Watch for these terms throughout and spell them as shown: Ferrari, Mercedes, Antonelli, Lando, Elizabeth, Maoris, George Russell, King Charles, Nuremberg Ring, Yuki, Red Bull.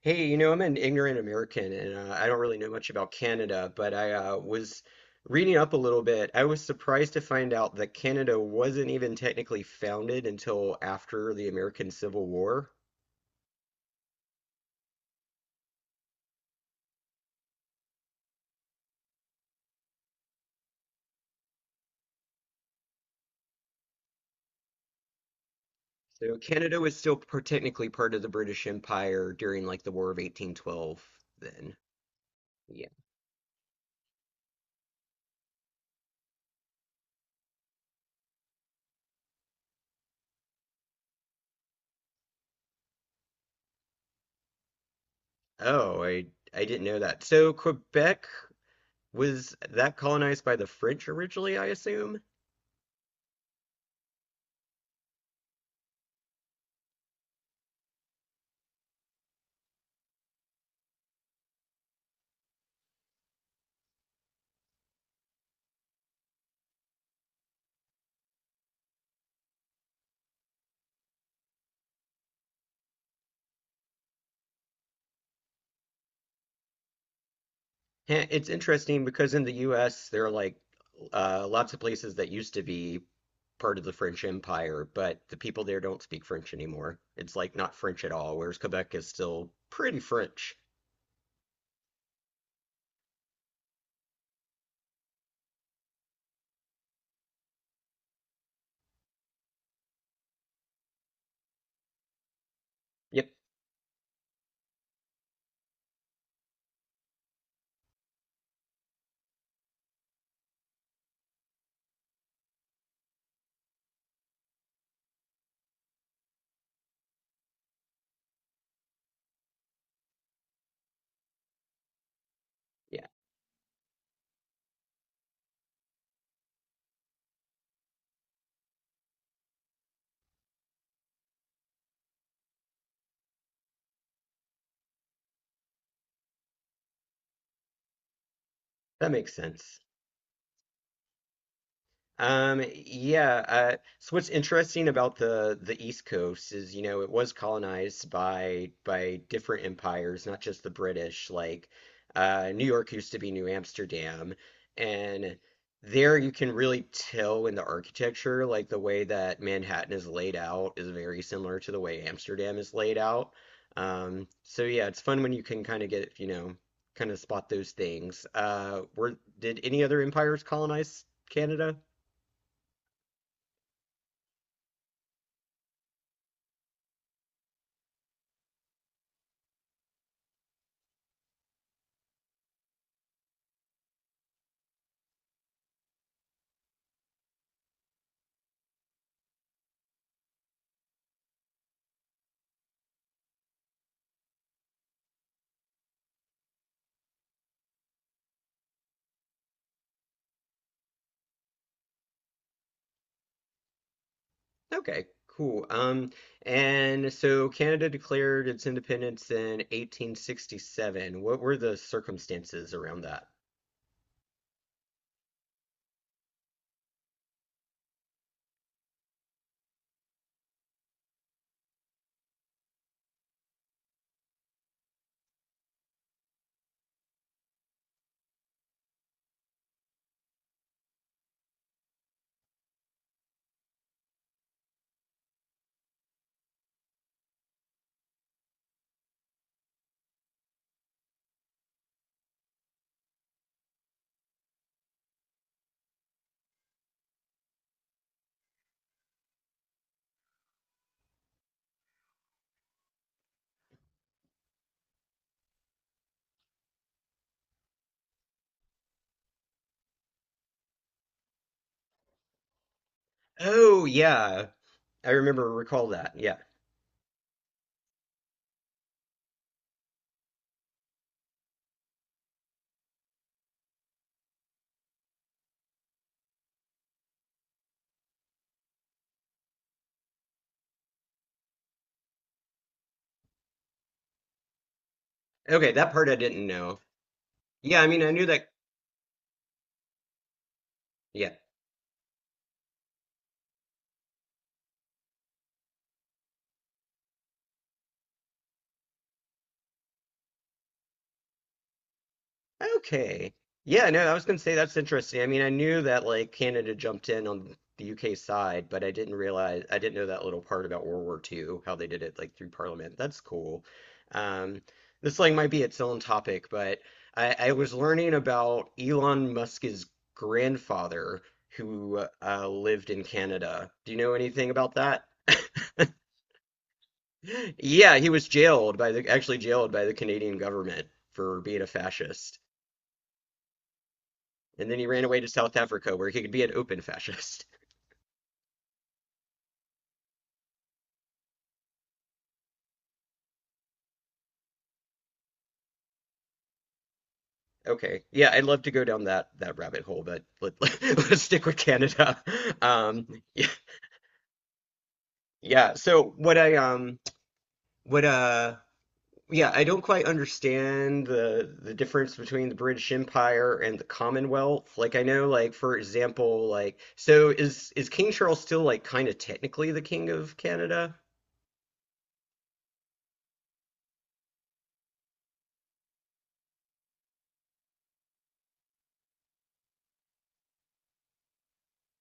Hey, you know, I'm an ignorant American and I don't really know much about Canada, but I was reading up a little bit. I was surprised to find out that Canada wasn't even technically founded until after the American Civil War. So Canada was still technically part of the British Empire during like the War of 1812 then. Yeah. Oh, I didn't know that. So Quebec, was that colonized by the French originally, I assume? Yeah, it's interesting because in the US there are lots of places that used to be part of the French Empire, but the people there don't speak French anymore. It's like not French at all, whereas Quebec is still pretty French. Yep, yeah, that makes sense. Yeah, so what's interesting about the East Coast is, you know, it was colonized by different empires, not just the British. Like, New York used to be New Amsterdam, and there you can really tell in the architecture, like the way that Manhattan is laid out is very similar to the way Amsterdam is laid out. So yeah, it's fun when you can kind of get, you know, kind of spot those things. Were Did any other empires colonize Canada? Okay, cool. And so Canada declared its independence in 1867. What were the circumstances around that? Oh, yeah. Recall that. Yeah. Okay, that part I didn't know. Yeah, I mean, I knew that. Yeah. Okay. Yeah, no, I was gonna say that's interesting. I mean, I knew that like Canada jumped in on the UK side, but I didn't know that little part about World War II, how they did it like through Parliament. That's cool. Um, this like might be its own topic, but I was learning about Elon Musk's grandfather who lived in Canada. Do you know anything about that? Yeah, he was jailed by the actually jailed by the Canadian government for being a fascist. And then he ran away to South Africa where he could be an open fascist. Okay. Yeah, I'd love to go down that rabbit hole, but let, let, us stick with Canada. Um yeah, yeah. So what I what Yeah, I don't quite understand the difference between the British Empire and the Commonwealth. Like I know, like for example, like so is King Charles still like kind of technically the king of Canada?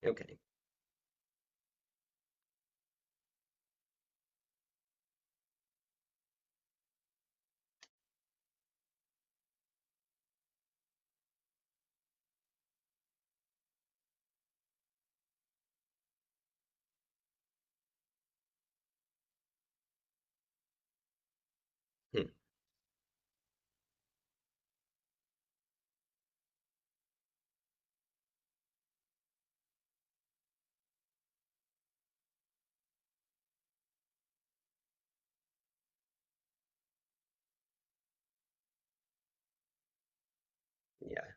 Okay. Hmm. Yeah.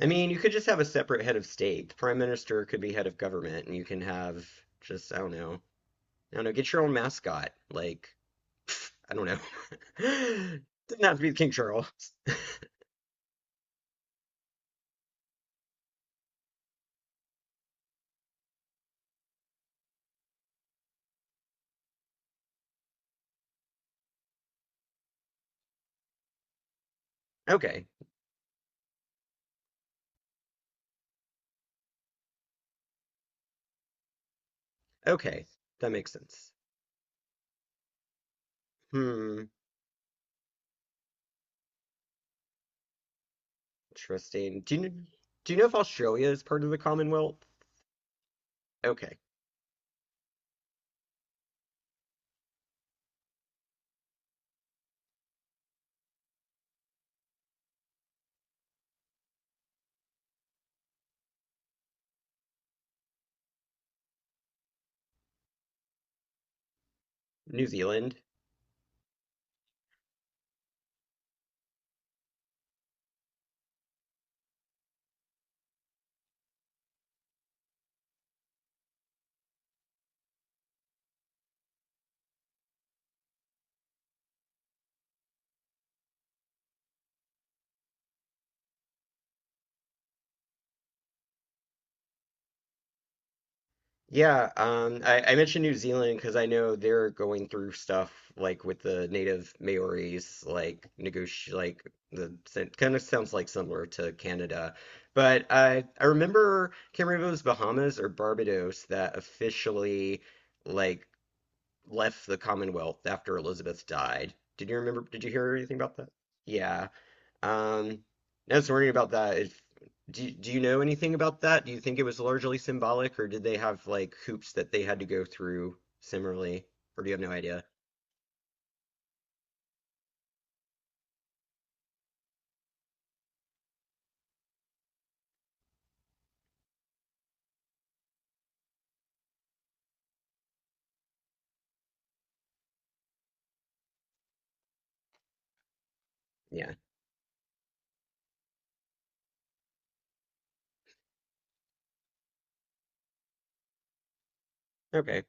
I mean, you could just have a separate head of state. The prime minister could be head of government, and you can have just, I don't know. I don't know, get your own mascot. Like, pff, I don't know. Doesn't have to be King Charles. Okay. Okay. That makes sense. Hmm. Interesting. Do you know if Australia is part of the Commonwealth? Okay. New Zealand? Yeah, I mentioned New Zealand because I know they're going through stuff like with the native Maoris, like negoti like the, kind of sounds like similar to Canada. But I remember can't remember if it was Bahamas or Barbados that officially like left the Commonwealth after Elizabeth died. Did you remember? Did you hear anything about that? Yeah. Um, I was wondering about that. If Do you know anything about that? Do you think it was largely symbolic, or did they have like hoops that they had to go through similarly, or do you have no idea? Yeah. Okay.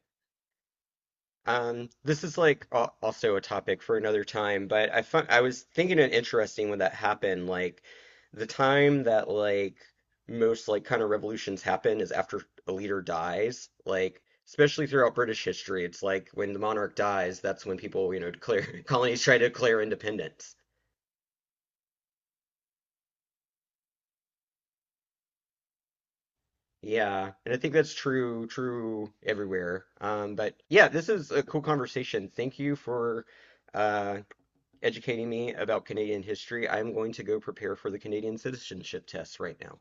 This is like also a topic for another time, but I was thinking it interesting when that happened. Like the time that like most like kind of revolutions happen is after a leader dies. Like especially throughout British history, it's like when the monarch dies, that's when people, you know, declare colonies try to declare independence. Yeah, and I think that's true everywhere. But yeah, this is a cool conversation. Thank you for uh educating me about Canadian history. I'm going to go prepare for the Canadian citizenship test right now.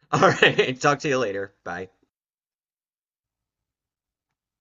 All right, talk to you later. Bye.